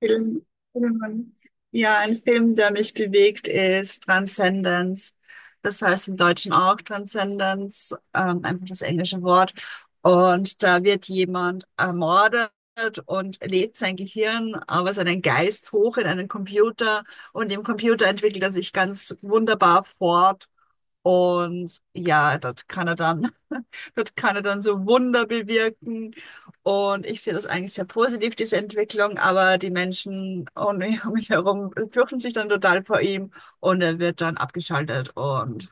Film, Filmen. Ja, ein Film, der mich bewegt, ist Transcendence. Das heißt im Deutschen auch Transcendence, einfach das englische Wort. Und da wird jemand ermordet und lädt sein Gehirn, aber seinen Geist hoch in einen Computer. Und im Computer entwickelt er sich ganz wunderbar fort und ja, das kann er dann, das kann er dann so Wunder bewirken. Und ich sehe das eigentlich sehr positiv, diese Entwicklung, aber die Menschen um mich um mich herum fürchten sich dann total vor ihm und er wird dann abgeschaltet. Und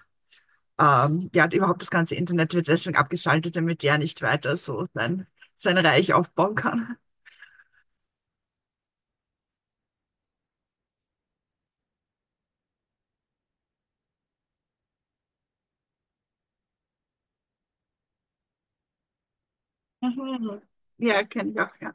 ähm, ja, überhaupt das ganze Internet wird deswegen abgeschaltet, damit er nicht weiter so sein, sein Reich aufbauen kann. Ja, kenne ich auch, ja.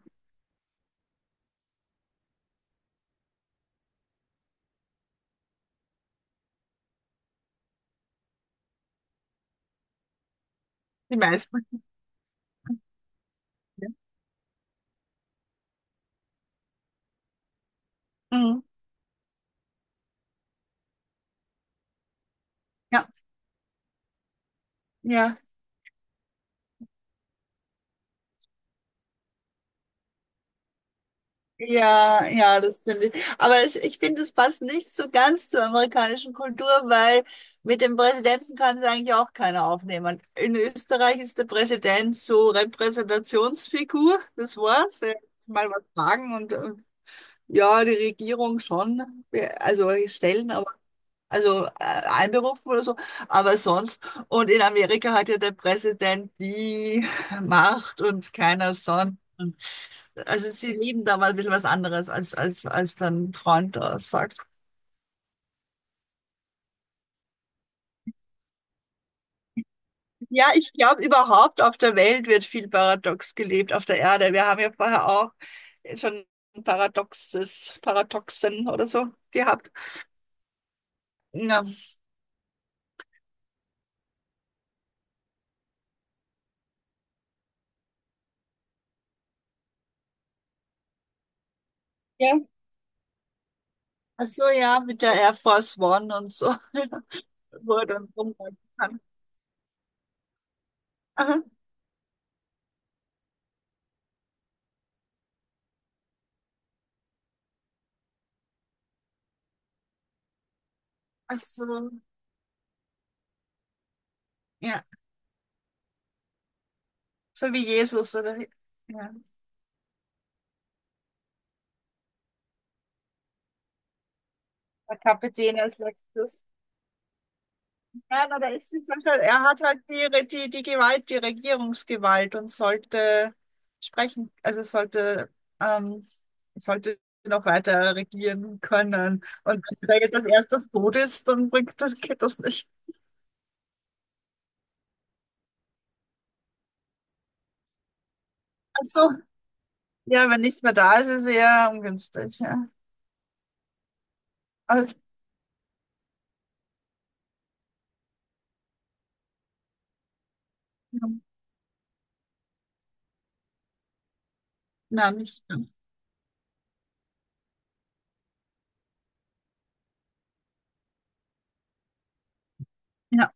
Mhm. Ja, ja. Ja, ja, das finde ich. Aber ich finde, es passt nicht so ganz zur amerikanischen Kultur, weil mit dem Präsidenten kann es eigentlich auch keiner aufnehmen. In Österreich ist der Präsident so Repräsentationsfigur, das war's. Er kann mal was sagen und ja, die Regierung schon, also stellen, aber also einberufen oder so, aber sonst. Und in Amerika hat ja der Präsident die Macht und keiner sonst, also sie lieben da mal ein bisschen was anderes, als dein Freund da sagt. Ja, ich glaube, überhaupt auf der Welt wird viel paradox gelebt, auf der Erde. Wir haben ja vorher auch schon Paradoxes, Paradoxen oder so gehabt. Ja. Ja, ach so, ja, mit der Air Force One und so, wo er dann rumreiten kann. Aha. Ach so, ja, so wie Jesus, oder? Ja, der Kapitän als letztes. Ja, na, da ist die Sache, er hat halt die, Re- die Gewalt, die Regierungsgewalt und sollte sprechen, also sollte, ähm, sollte noch weiter regieren können. Und wenn er jetzt als erstes tot ist, dann bringt das, geht das nicht. Ach so, ja, wenn nichts mehr da ist, ist eher ungünstig, ja. Also, ja, na, nicht so. Ja.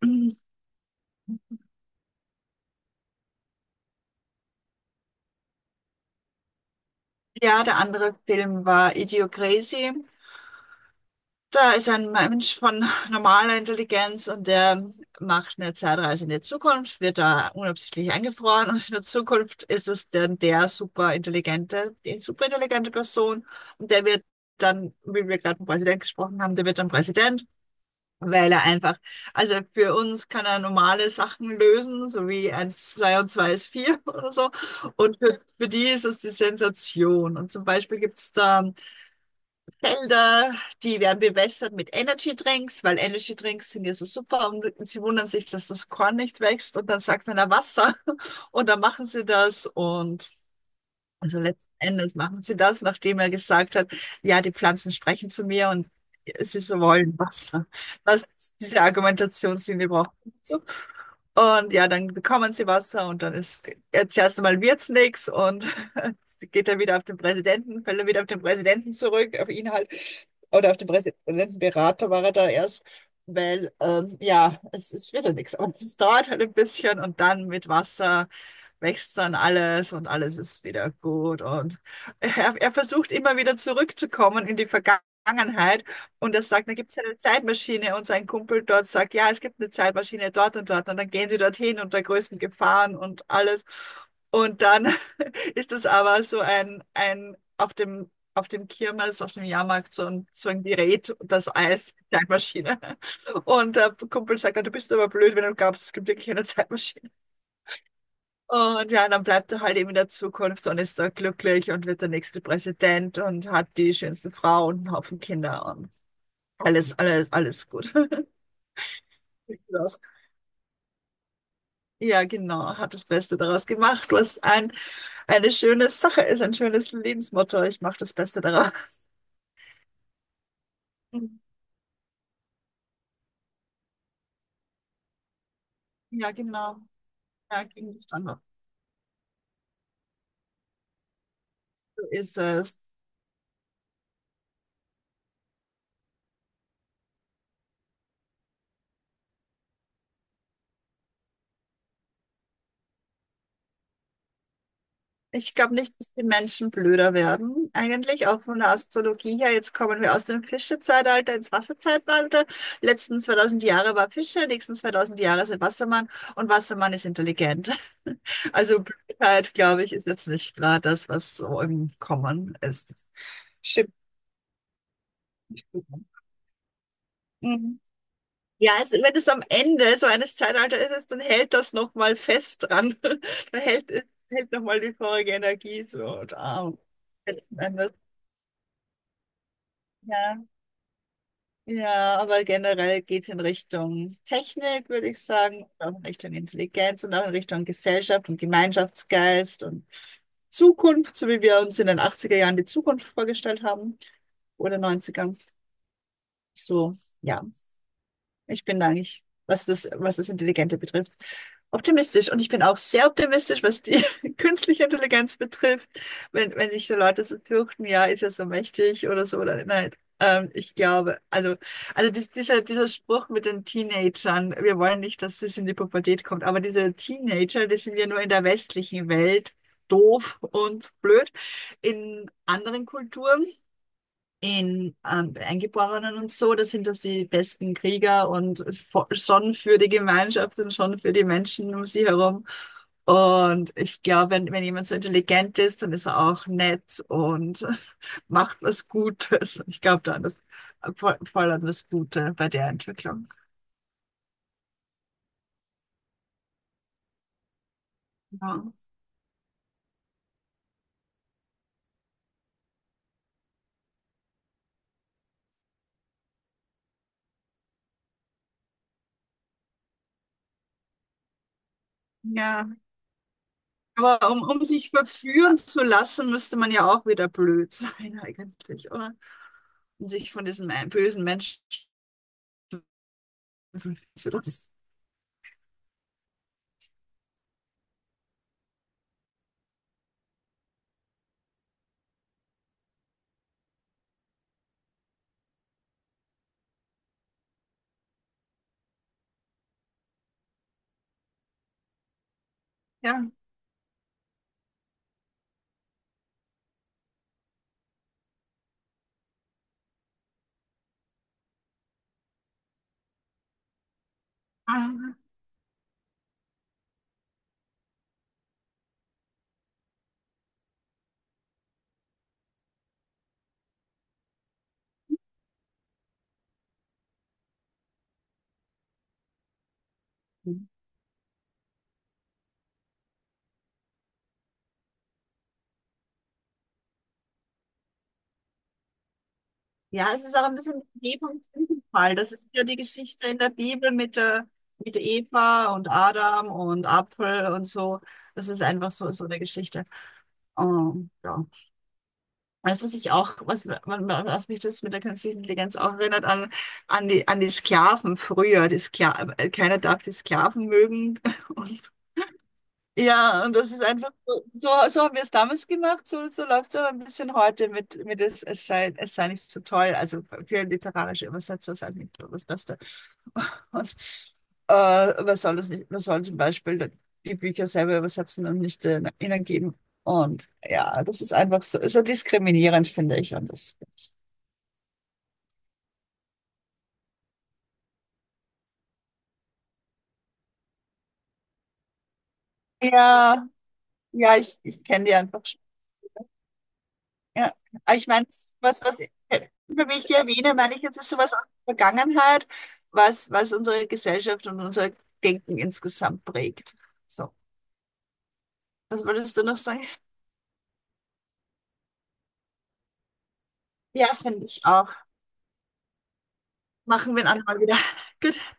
Ja, der andere Film war Idiocracy. Da ist ein Mensch von normaler Intelligenz und der macht eine Zeitreise in die Zukunft, wird da unabsichtlich eingefroren und in der Zukunft ist es dann der superintelligente, die superintelligente Person und der wird dann, wie wir gerade vom Präsident gesprochen haben, der wird dann Präsident, weil er einfach, also für uns kann er normale Sachen lösen, so wie eins, zwei und zwei ist vier oder so und für die ist es die Sensation und zum Beispiel gibt es da Felder, die werden bewässert mit Energy Drinks, weil Energy Drinks sind ja so super und sie wundern sich, dass das Korn nicht wächst und dann sagt einer Wasser und dann machen sie das und also letzten Endes machen sie das, nachdem er gesagt hat, ja, die Pflanzen sprechen zu mir und sie so wollen Wasser. Was diese Argumentationslinie braucht. So. Und ja, dann bekommen sie Wasser und dann ist jetzt erst einmal wird's nichts und geht er wieder auf den Präsidenten, fällt er wieder auf den Präsidenten zurück, auf ihn halt. Oder auf den Präsidentenberater war er da erst, weil ja, es wird ja nichts. Aber es dauert halt ein bisschen und dann mit Wasser wächst dann alles und alles ist wieder gut. Und er versucht immer wieder zurückzukommen in die Vergangenheit. Und er sagt, da gibt es eine Zeitmaschine und sein Kumpel dort sagt, ja, es gibt eine Zeitmaschine dort und dort. Und dann gehen sie dorthin unter größten Gefahren und alles. Und dann ist es aber so ein auf dem Kirmes, auf dem Jahrmarkt so ein Gerät, das heißt Zeitmaschine. Und der Kumpel sagt, dann, du bist aber blöd, wenn du glaubst, es gibt wirklich eine Zeitmaschine. Und ja, dann bleibt er halt eben in der Zukunft und ist da glücklich und wird der nächste Präsident und hat die schönste Frau und einen Haufen Kinder und alles, alles, alles gut. Ja, genau, hat das Beste daraus gemacht, was ein, eine schöne Sache ist, ein schönes Lebensmotto. Ich mache das Beste daraus. Ja, genau. Ja, ging nicht anders. So ist es. Ich glaube nicht, dass die Menschen blöder werden, eigentlich, auch von der Astrologie her. Jetzt kommen wir aus dem Fischezeitalter ins Wasserzeitalter. Letzten 2000 Jahre war Fische, nächsten 2000 Jahre sind Wassermann und Wassermann ist intelligent. Also Blödheit, glaube ich, ist jetzt nicht gerade das, was so im Kommen ist. Stimmt. Nicht so. Mhm. Ja, es, wenn es am Ende so eines Zeitalters ist, dann hält das nochmal fest dran. Dann hält, hält nochmal die vorige Energie so da. Letzten Endes. Ja, ja, aber generell geht es in Richtung Technik, würde ich sagen, und auch in Richtung Intelligenz und auch in Richtung Gesellschaft und Gemeinschaftsgeist und Zukunft, so wie wir uns in den achtziger Jahren die Zukunft vorgestellt haben oder 90. So, ja. Ich bin eigentlich, was das Intelligente betrifft, optimistisch. Und ich bin auch sehr optimistisch, was die künstliche Intelligenz betrifft. Wenn, wenn sich so Leute so fürchten, ja, ist ja so mächtig oder so, oder nein. Ich glaube, also dies, dieser Spruch mit den Teenagern, wir wollen nicht, dass das in die Pubertät kommt, aber diese Teenager, die sind ja nur in der westlichen Welt doof und blöd. In anderen Kulturen in Eingeborenen und so, da sind das die besten Krieger und vo- schon für die Gemeinschaft und schon für die Menschen um sie herum. Und ich glaube, wenn, wenn jemand so intelligent ist, dann ist er auch nett und macht was Gutes. Ich glaube da an das, voll, voll an das Gute bei der Entwicklung. Ja. Ja, aber um, um sich verführen zu lassen, müsste man ja auch wieder blöd sein eigentlich, oder? Um sich von diesem ein- bösen Menschen verführen zu lassen. Ja. Ah. Ja, es ist auch ein bisschen Vergebung und Sündenfall. Das ist ja die Geschichte in der Bibel mit, der, mit Eva und Adam und Apfel und so. Das ist einfach so, so eine Geschichte. Ja. Weißt du, was ich auch, was, man- man- was mich das mit der künstlichen Intelligenz auch erinnert, an, an die Sklaven früher. Die Skla keiner darf die Sklaven mögen. Und ja, und das ist einfach, so, so so haben wir es damals gemacht, so, so läuft es aber ein bisschen heute mit es, es sei nicht so toll. Also für literarische Übersetzer sei es nicht so das Beste. Und man soll das nicht, man soll zum Beispiel die Bücher selber übersetzen und nicht ihnen geben. Und ja, das ist einfach so, ist so diskriminierend, finde ich. Und das, ja, ja, ich kenne die einfach. Ja, aber ich meine, was, was, ich immer wenn ich die erwähne, meine ich, jetzt ist sowas aus der Vergangenheit, was, was unsere Gesellschaft und unser Denken insgesamt prägt. So, was würdest du noch sagen? Ja, finde ich auch. Machen wir ein andermal wieder. Gut, tschüss.